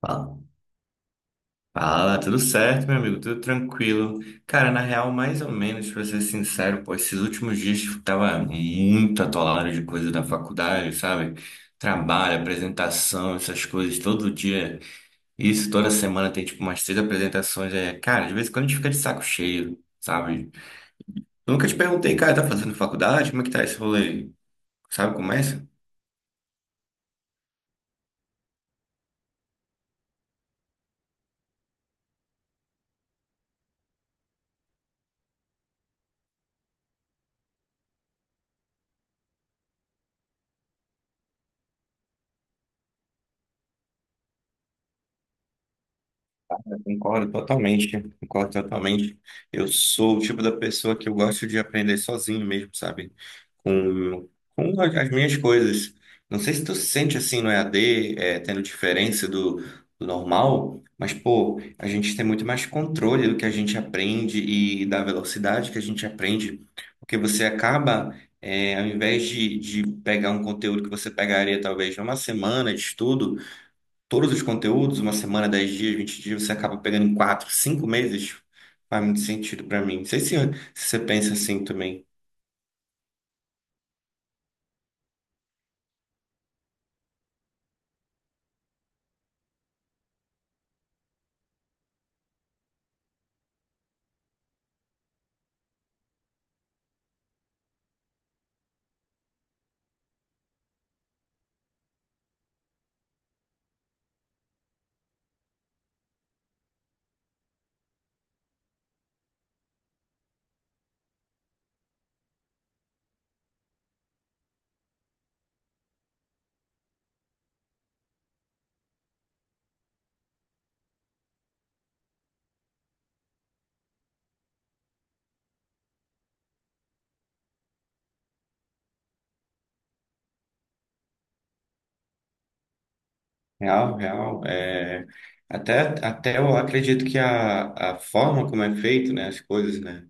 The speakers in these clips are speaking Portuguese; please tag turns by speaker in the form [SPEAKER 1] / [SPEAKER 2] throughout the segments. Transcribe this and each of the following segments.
[SPEAKER 1] Fala, tudo certo, meu amigo? Tudo tranquilo. Cara, na real, mais ou menos, pra ser sincero, pô, esses últimos dias eu tava muito atolado de coisa da faculdade, sabe? Trabalho, apresentação, essas coisas, todo dia. Isso, toda semana tem tipo umas três apresentações. É, cara, de vez em quando a gente fica de saco cheio, sabe? Eu nunca te perguntei, cara, tá fazendo faculdade? Como é que tá esse rolê? Sabe como é? Concordo totalmente, concordo totalmente. Eu sou o tipo da pessoa que eu gosto de aprender sozinho mesmo, sabe? Com, com as minhas coisas. Não sei se tu se sente assim no EAD, é, tendo diferença do normal, mas, pô, a gente tem muito mais controle do que a gente aprende e da velocidade que a gente aprende, porque você acaba, é, ao invés de pegar um conteúdo que você pegaria talvez numa semana de estudo, todos os conteúdos, uma semana, 10 dias, 20 dias, você acaba pegando em 4 5 meses, faz muito sentido para mim. Não sei se você pensa assim também. Real, real. É, até eu acredito que a forma como é feito, né, as coisas, né,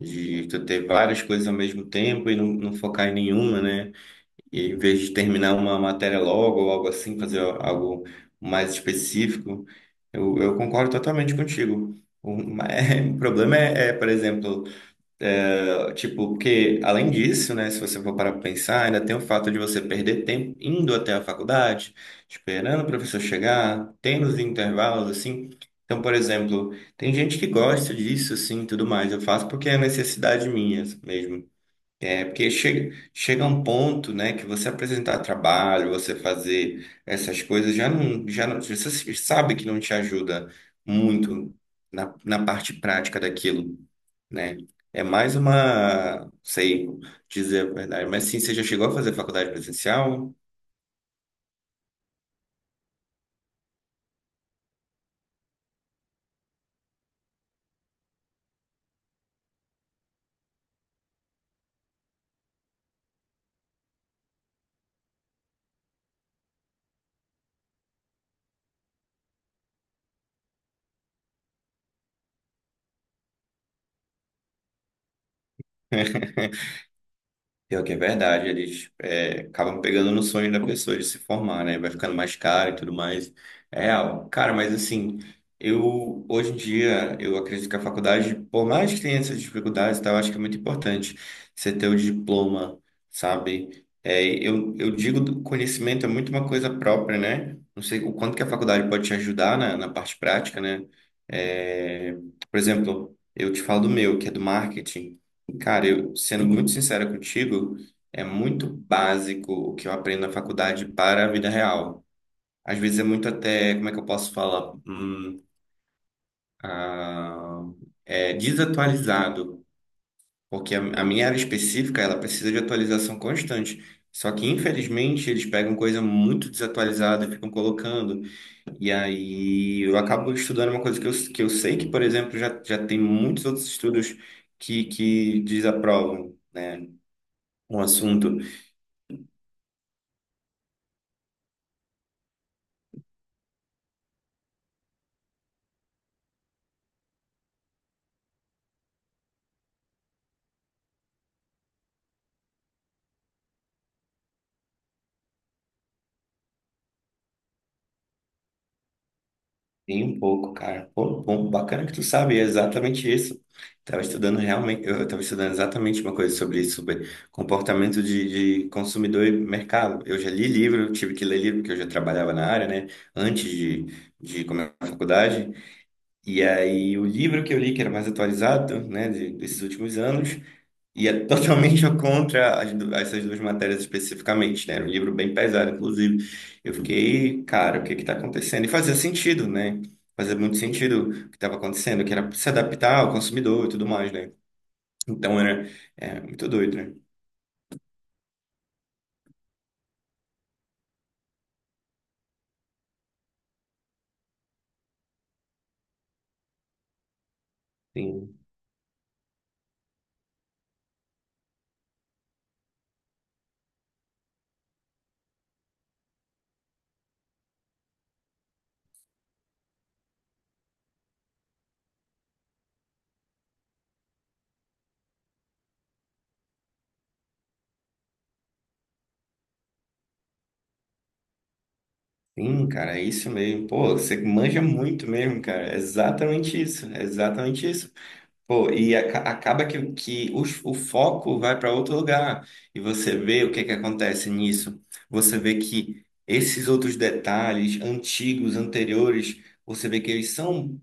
[SPEAKER 1] de tu ter várias coisas ao mesmo tempo e não focar em nenhuma, né, e em vez de terminar uma matéria logo ou algo assim, fazer algo mais específico, eu concordo totalmente contigo. O, ma- o problema é, por exemplo, tipo, porque além disso, né, se você for parar para pensar, ainda tem o fato de você perder tempo indo até a faculdade, esperando o professor chegar, tendo os intervalos, assim. Então, por exemplo, tem gente que gosta disso, assim, e tudo mais. Eu faço porque é necessidade minha mesmo. É, porque chega, chega um ponto, né, que você apresentar trabalho, você fazer essas coisas, já não, você se- sabe que não te ajuda muito na parte prática daquilo, né? É mais uma, sei dizer a verdade, mas sim, você já chegou a fazer faculdade presencial? Pior que é verdade, eles acabam pegando no sonho da pessoa de se formar, né? Vai ficando mais caro e tudo mais. É real. Cara, mas assim, eu hoje em dia eu acredito que a faculdade, por mais que tenha essas dificuldades, e tal, eu acho que é muito importante você ter o diploma, sabe? É, eu digo conhecimento é muito uma coisa própria, né? Não sei o quanto que a faculdade pode te ajudar na parte prática, né? É, por exemplo, eu te falo do meu, que é do marketing. Cara, eu, sendo muito sincero contigo, é muito básico o que eu aprendo na faculdade para a vida real. Às vezes é muito até, como é que eu posso falar? Ah, é desatualizado, porque a minha área específica, ela precisa de atualização constante. Só que, infelizmente, eles pegam coisa muito desatualizada e ficam colocando. E aí eu acabo estudando uma coisa que eu sei que, por exemplo, já tem muitos outros estudos que desaprovam, né? Um assunto. Sim, um pouco, cara. Pô, bom, bacana que tu sabe, é exatamente isso. Tava estudando realmente, eu tava estudando exatamente uma coisa sobre isso, sobre comportamento de consumidor e mercado. Eu já li livro, eu tive que ler livro, porque eu já trabalhava na área, né, antes de começar a faculdade. E aí, o livro que eu li, que era mais atualizado, né, desses últimos anos, e é totalmente contra essas duas matérias especificamente, né? Era um livro bem pesado, inclusive. Eu fiquei, cara, o que que tá acontecendo? E fazia sentido, né? Fazia muito sentido o que estava acontecendo, que era se adaptar ao consumidor e tudo mais, né? Então era muito doido, né? Sim, sim, cara, é isso mesmo. Pô, você manja muito mesmo, cara. É exatamente isso, é exatamente isso. Pô, e acaba que o foco vai para outro lugar. E você vê o que que acontece nisso. Você vê que esses outros detalhes antigos, anteriores, você vê que eles são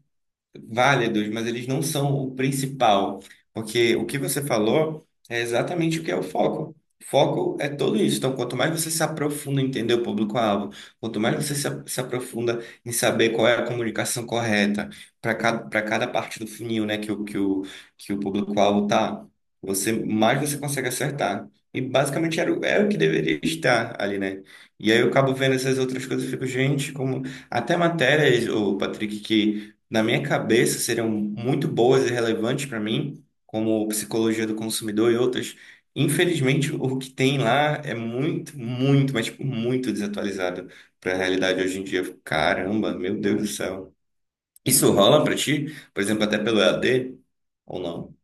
[SPEAKER 1] válidos, mas eles não são o principal, porque o que você falou é exatamente o que é o foco. Foco é tudo isso. Então, quanto mais você se aprofunda em entender o público-alvo, quanto mais você se aprofunda em saber qual é a comunicação correta para cada parte do funil, né, que o público-alvo tá, você mais você consegue acertar. E basicamente era, é o que deveria estar ali, né? E aí eu acabo vendo essas outras coisas e fico, gente, como até matérias, o Patrick, que na minha cabeça, seriam muito boas e relevantes para mim, como psicologia do consumidor e outras. Infelizmente, o que tem lá é muito, muito, mas tipo, muito desatualizado para a realidade hoje em dia. Caramba, meu Deus do céu. Isso rola para ti? Por exemplo, até pelo EAD ou não?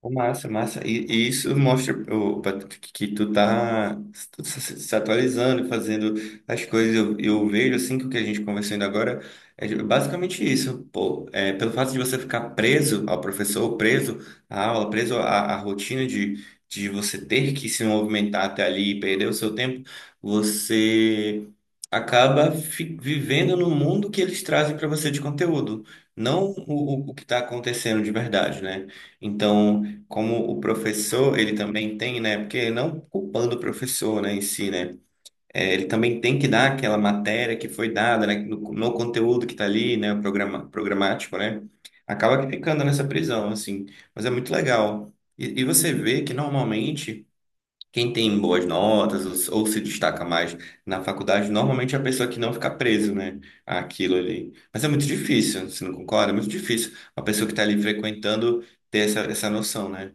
[SPEAKER 1] Pô, massa, massa. E isso mostra, ô, Patrick, que tu tá se atualizando, fazendo as coisas. Eu vejo, assim, que o que a gente conversou ainda agora é basicamente isso. Pô, é, pelo fato de você ficar preso ao professor, preso à aula, preso à, à rotina de você ter que se movimentar até ali e perder o seu tempo, você acaba vivendo no mundo que eles trazem para você de conteúdo, não o que está acontecendo de verdade, né? Então como o professor, ele também tem, né? Porque não culpando o professor, né, em si, né? É, ele também tem que dar aquela matéria que foi dada, né, no conteúdo que está ali, né, o programático, né? Acaba que ficando nessa prisão, assim. Mas é muito legal. E você vê que normalmente quem tem boas notas ou se destaca mais na faculdade, normalmente é a pessoa que não fica preso, né, àquilo ali. Mas é muito difícil, você não concorda? É muito difícil a pessoa que está ali frequentando ter essa, essa noção, né?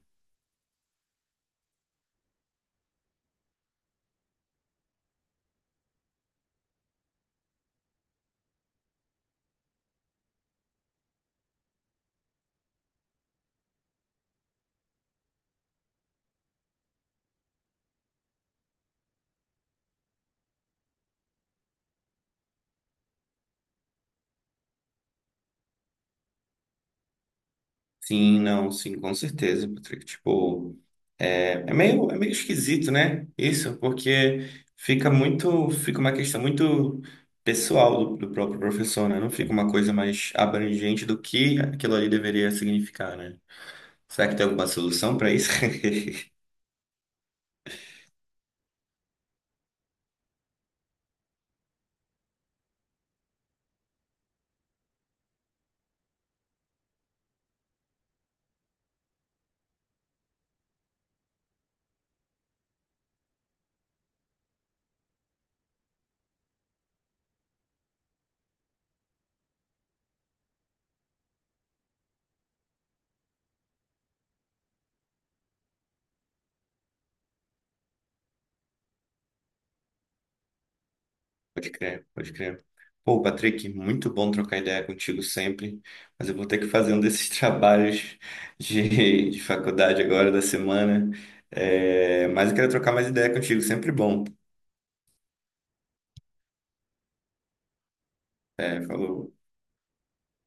[SPEAKER 1] Sim, não, sim, com certeza, Patrick. Tipo, é, é meio esquisito, né? Isso, porque fica muito, fica uma questão muito pessoal do próprio professor, né? Não fica uma coisa mais abrangente do que aquilo ali deveria significar, né? Será que tem alguma solução para isso? Pode crer, pode crer. Pô, Patrick, muito bom trocar ideia contigo sempre, mas eu vou ter que fazer um desses trabalhos de faculdade agora da semana. É, mas eu quero trocar mais ideia contigo, sempre bom. É, falou.